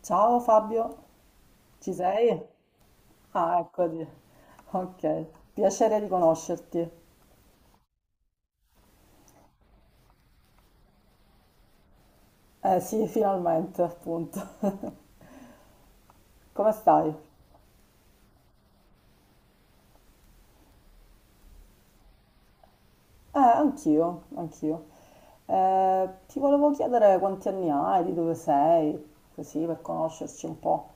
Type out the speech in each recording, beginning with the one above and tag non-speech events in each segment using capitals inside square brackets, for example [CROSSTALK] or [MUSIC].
Ciao Fabio, ci sei? Ah, eccoti. Ok, piacere di conoscerti. Eh sì, finalmente, appunto. [LAUGHS] Come stai? Anch'io, anch'io. Ti volevo chiedere quanti anni hai, di dove sei, così per conoscerci un po'.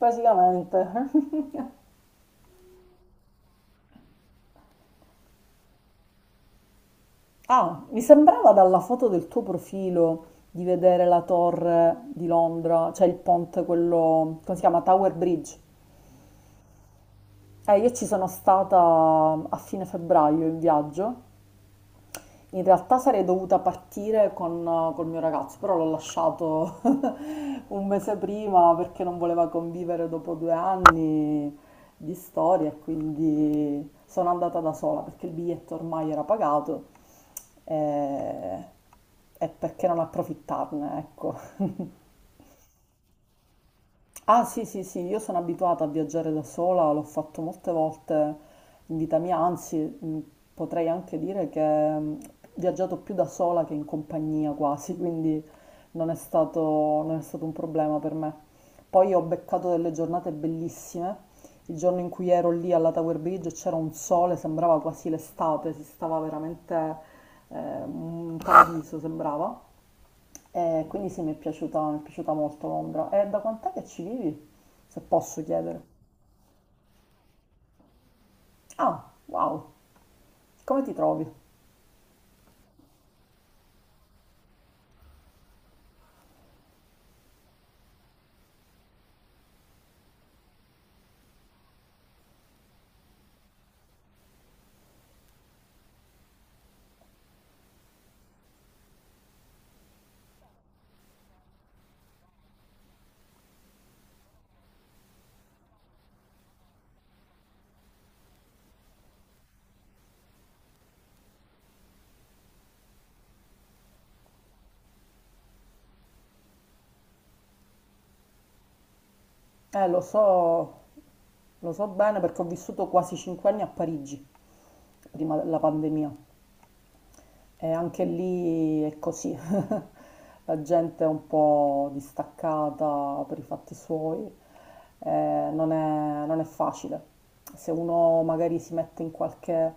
Basicamente. [LAUGHS] Ah, mi sembrava dalla foto del tuo profilo di vedere la torre di Londra, cioè il ponte, quello, come si chiama? Tower Bridge. Io ci sono stata a fine febbraio in viaggio. In realtà sarei dovuta partire con, col mio ragazzo, però l'ho lasciato [LAUGHS] un mese prima perché non voleva convivere dopo 2 anni di storia, e quindi sono andata da sola perché il biglietto ormai era pagato eh, e perché non approfittarne, ecco. [LAUGHS] Ah sì, sì, sì, io sono abituata a viaggiare da sola, l'ho fatto molte volte in vita mia, anzi potrei anche dire che ho viaggiato più da sola che in compagnia quasi, [LAUGHS] quindi non è stato, non è stato un problema per me. Poi ho beccato delle giornate bellissime, il giorno in cui ero lì alla Tower Bridge c'era un sole, sembrava quasi l'estate, si stava veramente un paradiso, sembrava. E quindi sì, mi è piaciuta molto Londra. E da quant'è che ci vivi? Se posso chiedere. Ah, wow, come ti trovi? Eh, lo so, lo so bene perché ho vissuto quasi 5 anni a Parigi, prima della pandemia. E anche lì è così, [LAUGHS] la gente è un po' distaccata per i fatti suoi, non è facile. Se uno magari si mette in qualche,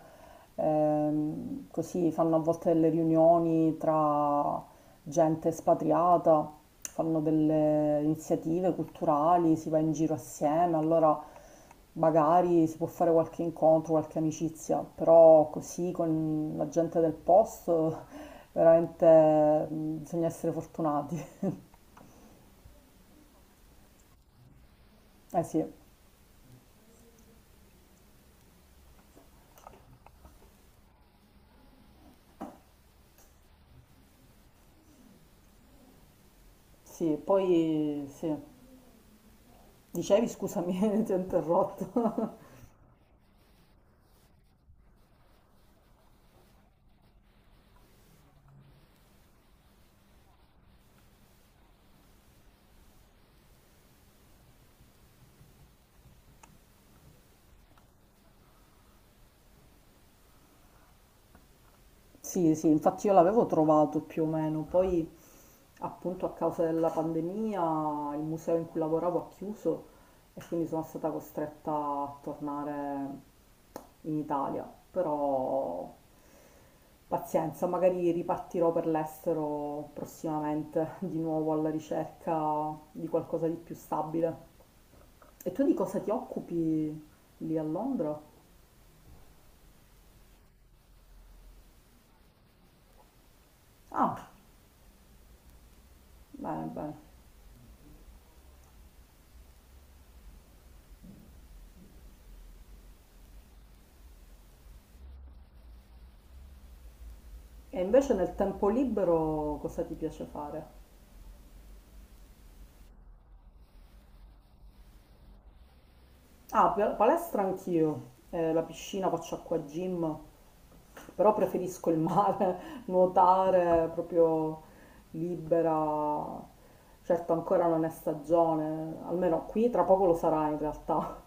così fanno a volte delle riunioni tra gente espatriata, fanno delle iniziative culturali, si va in giro assieme, allora magari si può fare qualche incontro, qualche amicizia, però così con la gente del posto veramente bisogna essere fortunati. Eh sì, sì, poi sì. Dicevi, scusami, [LAUGHS] ti ho interrotto. [LAUGHS] Sì, sì, infatti io l'avevo trovato più o meno, poi appunto a causa della pandemia il museo in cui lavoravo ha chiuso e quindi sono stata costretta a tornare in Italia, però pazienza, magari ripartirò per l'estero prossimamente di nuovo alla ricerca di qualcosa di più stabile. E tu di cosa ti occupi lì a Londra? Ah, bene, bene. E invece nel tempo libero cosa ti piace fare? Ah, palestra anch'io, la piscina, faccio acqua gym, però preferisco il mare, [LAUGHS] nuotare proprio libera. Certo, ancora non è stagione, almeno qui tra poco lo sarà in realtà,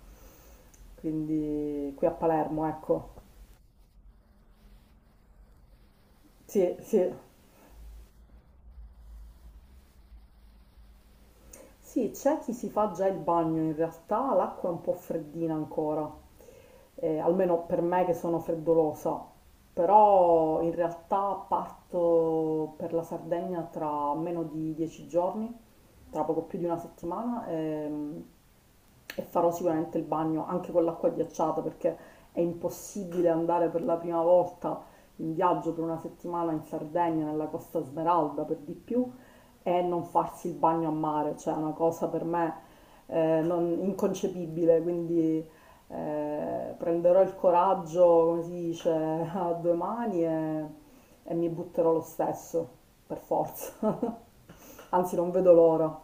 [LAUGHS] quindi qui a Palermo, ecco. Sì, sì, sì, c'è chi si fa già il bagno, in realtà l'acqua è un po' freddina ancora. Almeno per me che sono freddolosa, però in realtà parto per la Sardegna tra meno di 10 giorni, tra poco più di una settimana, e farò sicuramente il bagno anche con l'acqua ghiacciata perché è impossibile andare per la prima volta in viaggio per una settimana in Sardegna, nella Costa Smeralda per di più, e non farsi il bagno a mare, cioè è una cosa per me inconcepibile, quindi prenderò il coraggio, come si dice, [LAUGHS] a due mani e mi butterò lo stesso, per forza. [LAUGHS] Anzi, non vedo l'ora.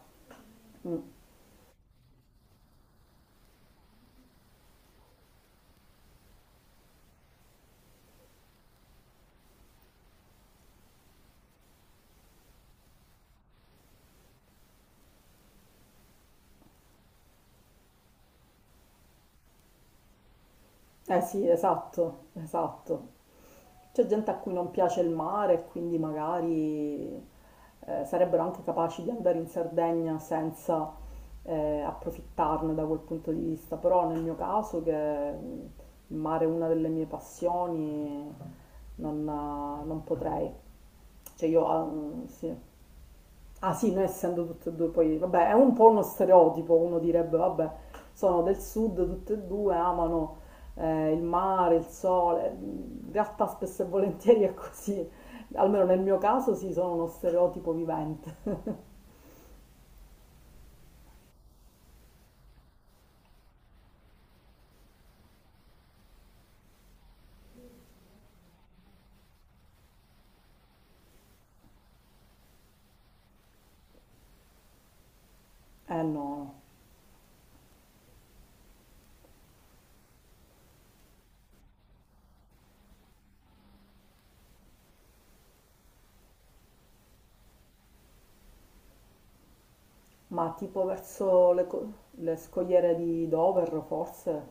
Eh sì, esatto, esatto. C'è gente a cui non piace il mare e quindi magari sarebbero anche capaci di andare in Sardegna senza approfittarne da quel punto di vista, però nel mio caso che il mare è una delle mie passioni non, non potrei. Cioè io, ah, sì. Ah sì, noi essendo tutte e due, poi, vabbè, è un po' uno stereotipo, uno direbbe, vabbè, sono del sud, tutte e due amano il mare, il sole, in realtà spesso e volentieri è così, almeno nel mio caso sì, sono uno stereotipo vivente. [LAUGHS] Eh no, ma tipo verso le, le scogliere di Dover, forse,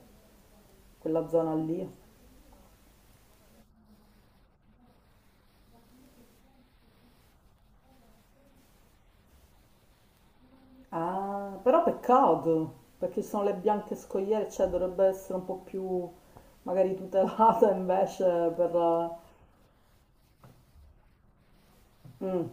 quella zona lì. Ah, però peccato, perché ci sono le bianche scoiere, cioè dovrebbe essere un po' più magari tutelata [LAUGHS] invece per... Mm.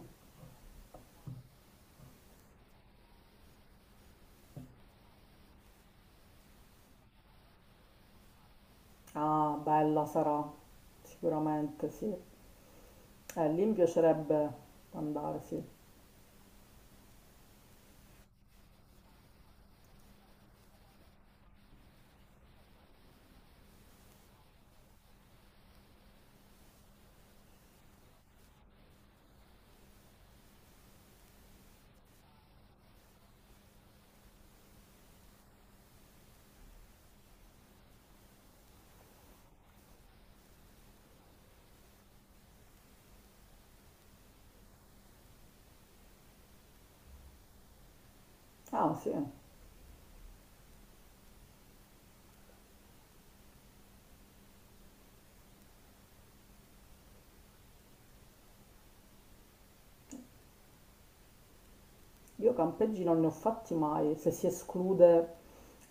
Ah, bella sarà, sicuramente sì. Lì mi piacerebbe andare, sì. Ah, sì. Io campeggi non ne ho fatti mai, se si esclude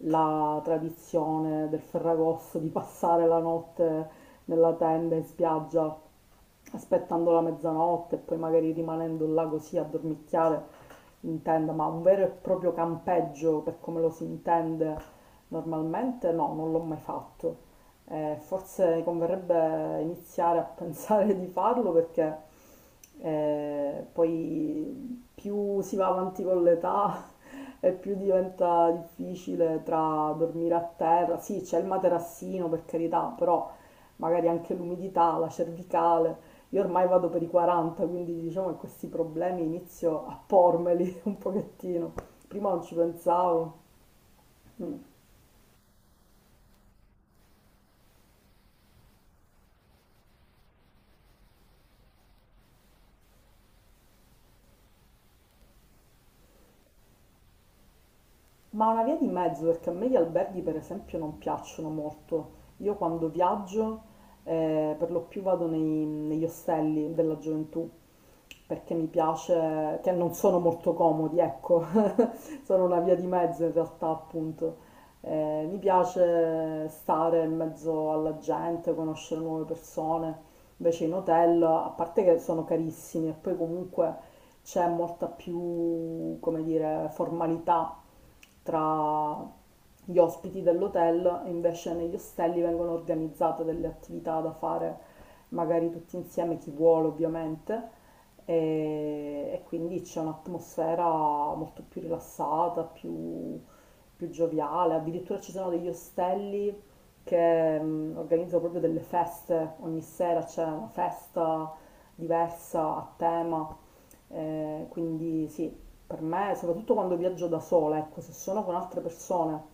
la tradizione del Ferragosto di passare la notte nella tenda in spiaggia aspettando la mezzanotte e poi magari rimanendo là così a dormicchiare in tenda, ma un vero e proprio campeggio per come lo si intende normalmente no, non l'ho mai fatto. Forse converrebbe iniziare a [LAUGHS] pensare di farlo perché poi più si va avanti con l'età [LAUGHS] e più diventa difficile tra dormire a terra. Sì, c'è il materassino per carità, però magari anche l'umidità, la cervicale. Io ormai vado per i 40, quindi diciamo che questi problemi inizio a pormeli [LAUGHS] un pochettino. Prima non ci pensavo. Ma una via di mezzo, perché a me gli alberghi per esempio non piacciono molto. Io quando viaggio per lo più vado negli ostelli della gioventù perché mi piace, che non sono molto comodi, ecco, [LAUGHS] sono una via di mezzo in realtà appunto. Mi piace stare in mezzo alla gente, conoscere nuove persone. Invece in hotel, a parte che sono carissimi e poi comunque c'è molta più, come dire, formalità tra gli ospiti dell'hotel e invece negli ostelli vengono organizzate delle attività da fare magari tutti insieme, chi vuole ovviamente, e quindi c'è un'atmosfera molto più rilassata, più gioviale, addirittura ci sono degli ostelli che organizzano proprio delle feste, ogni sera c'è una festa diversa a tema, quindi sì, per me, soprattutto quando viaggio da sola, ecco, se sono con altre persone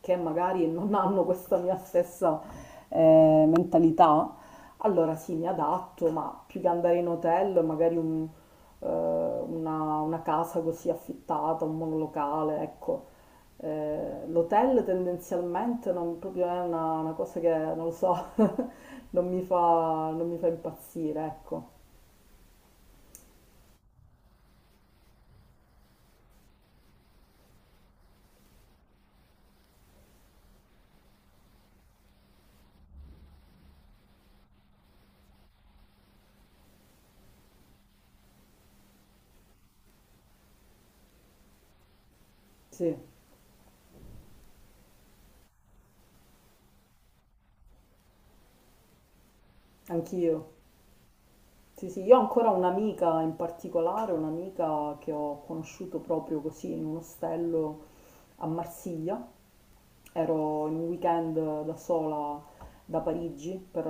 che magari non hanno questa mia stessa mentalità, allora sì, mi adatto, ma più che andare in hotel, una casa così affittata, un monolocale, ecco. L'hotel tendenzialmente non proprio è una cosa che, non lo so, [LAUGHS] non mi fa impazzire, ecco. Sì, anch'io. Sì, sì, io ho ancora un'amica in particolare, un'amica che ho conosciuto proprio così in un ostello a Marsiglia. Ero in un weekend da sola da Parigi per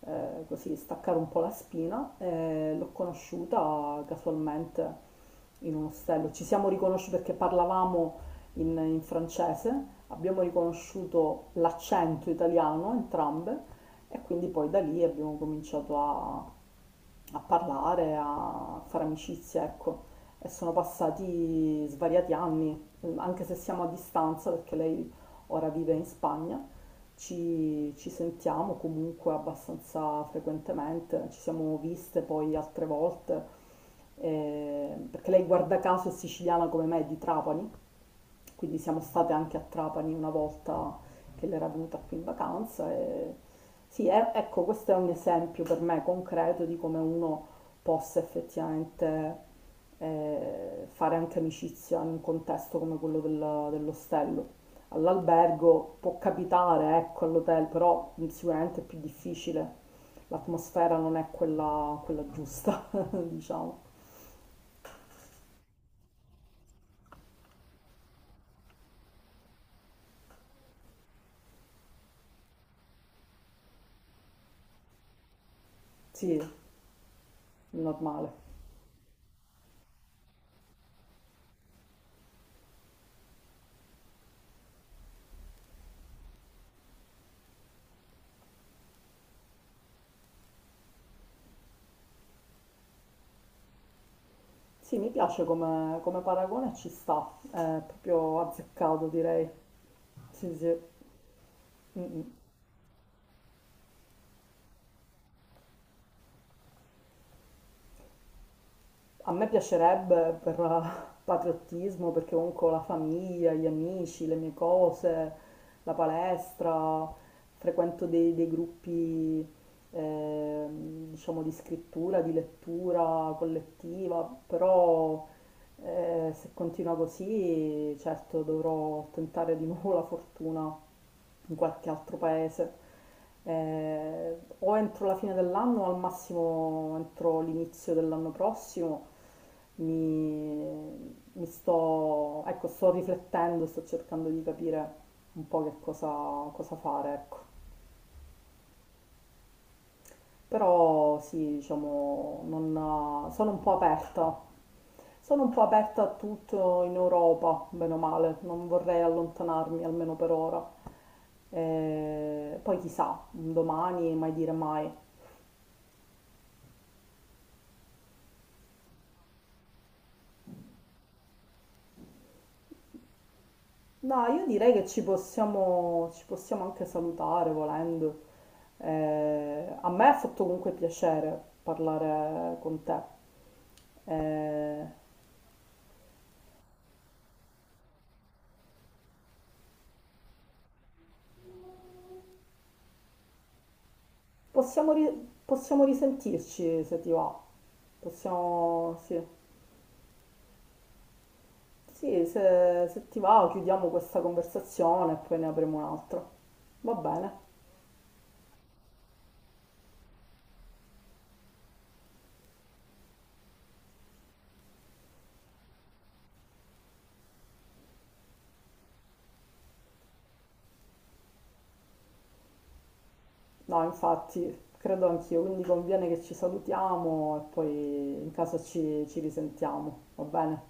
così staccare un po' la spina e l'ho conosciuta casualmente in un ostello. Ci siamo riconosciuti perché parlavamo in francese, abbiamo riconosciuto l'accento italiano entrambe e quindi poi da lì abbiamo cominciato a parlare, a fare amicizia, ecco. E sono passati svariati anni, anche se siamo a distanza, perché lei ora vive in Spagna, ci sentiamo comunque abbastanza frequentemente, ci siamo viste poi altre volte, perché lei guarda caso è siciliana come me, è di Trapani, quindi siamo state anche a Trapani una volta che l'era venuta qui in vacanza. E... ecco, questo è un esempio per me concreto di come uno possa effettivamente fare anche amicizia in un contesto come quello dell'ostello. All'albergo può capitare, ecco, all'hotel, però sicuramente è più difficile. L'atmosfera non è quella giusta, [LAUGHS] diciamo. Sì, normale. Sì, mi piace come paragone, ci sta, è proprio azzeccato direi. Sì, sì. Mm. A me piacerebbe per patriottismo, perché comunque ho la famiglia, gli amici, le mie cose, la palestra, frequento dei gruppi, diciamo, di scrittura, di lettura collettiva, però se continua così, certo dovrò tentare di nuovo la fortuna in qualche altro paese, o entro la fine dell'anno o al massimo entro l'inizio dell'anno prossimo. Mi, mi sto, ecco, sto riflettendo, sto cercando di capire un po' cosa fare, ecco. Però sì, diciamo, sono un po' aperta. Sono un po' aperta a tutto in Europa, bene o male, non vorrei allontanarmi almeno per ora. Poi chissà, un domani mai dire mai. No, io direi che ci possiamo anche salutare volendo. A me ha fatto comunque piacere parlare con te. Eh, possiamo risentirci se ti va. Possiamo, sì. Sì, se ti va chiudiamo questa conversazione e poi ne apriamo un'altra. Va bene. No, infatti, credo anch'io, quindi conviene che ci salutiamo e poi in caso ci risentiamo. Va bene?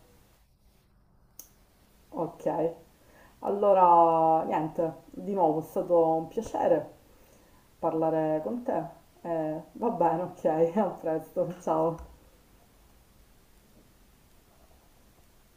Ok. Allora, niente, di nuovo è stato un piacere parlare con te. Va bene, ok, [LAUGHS] a presto, ciao.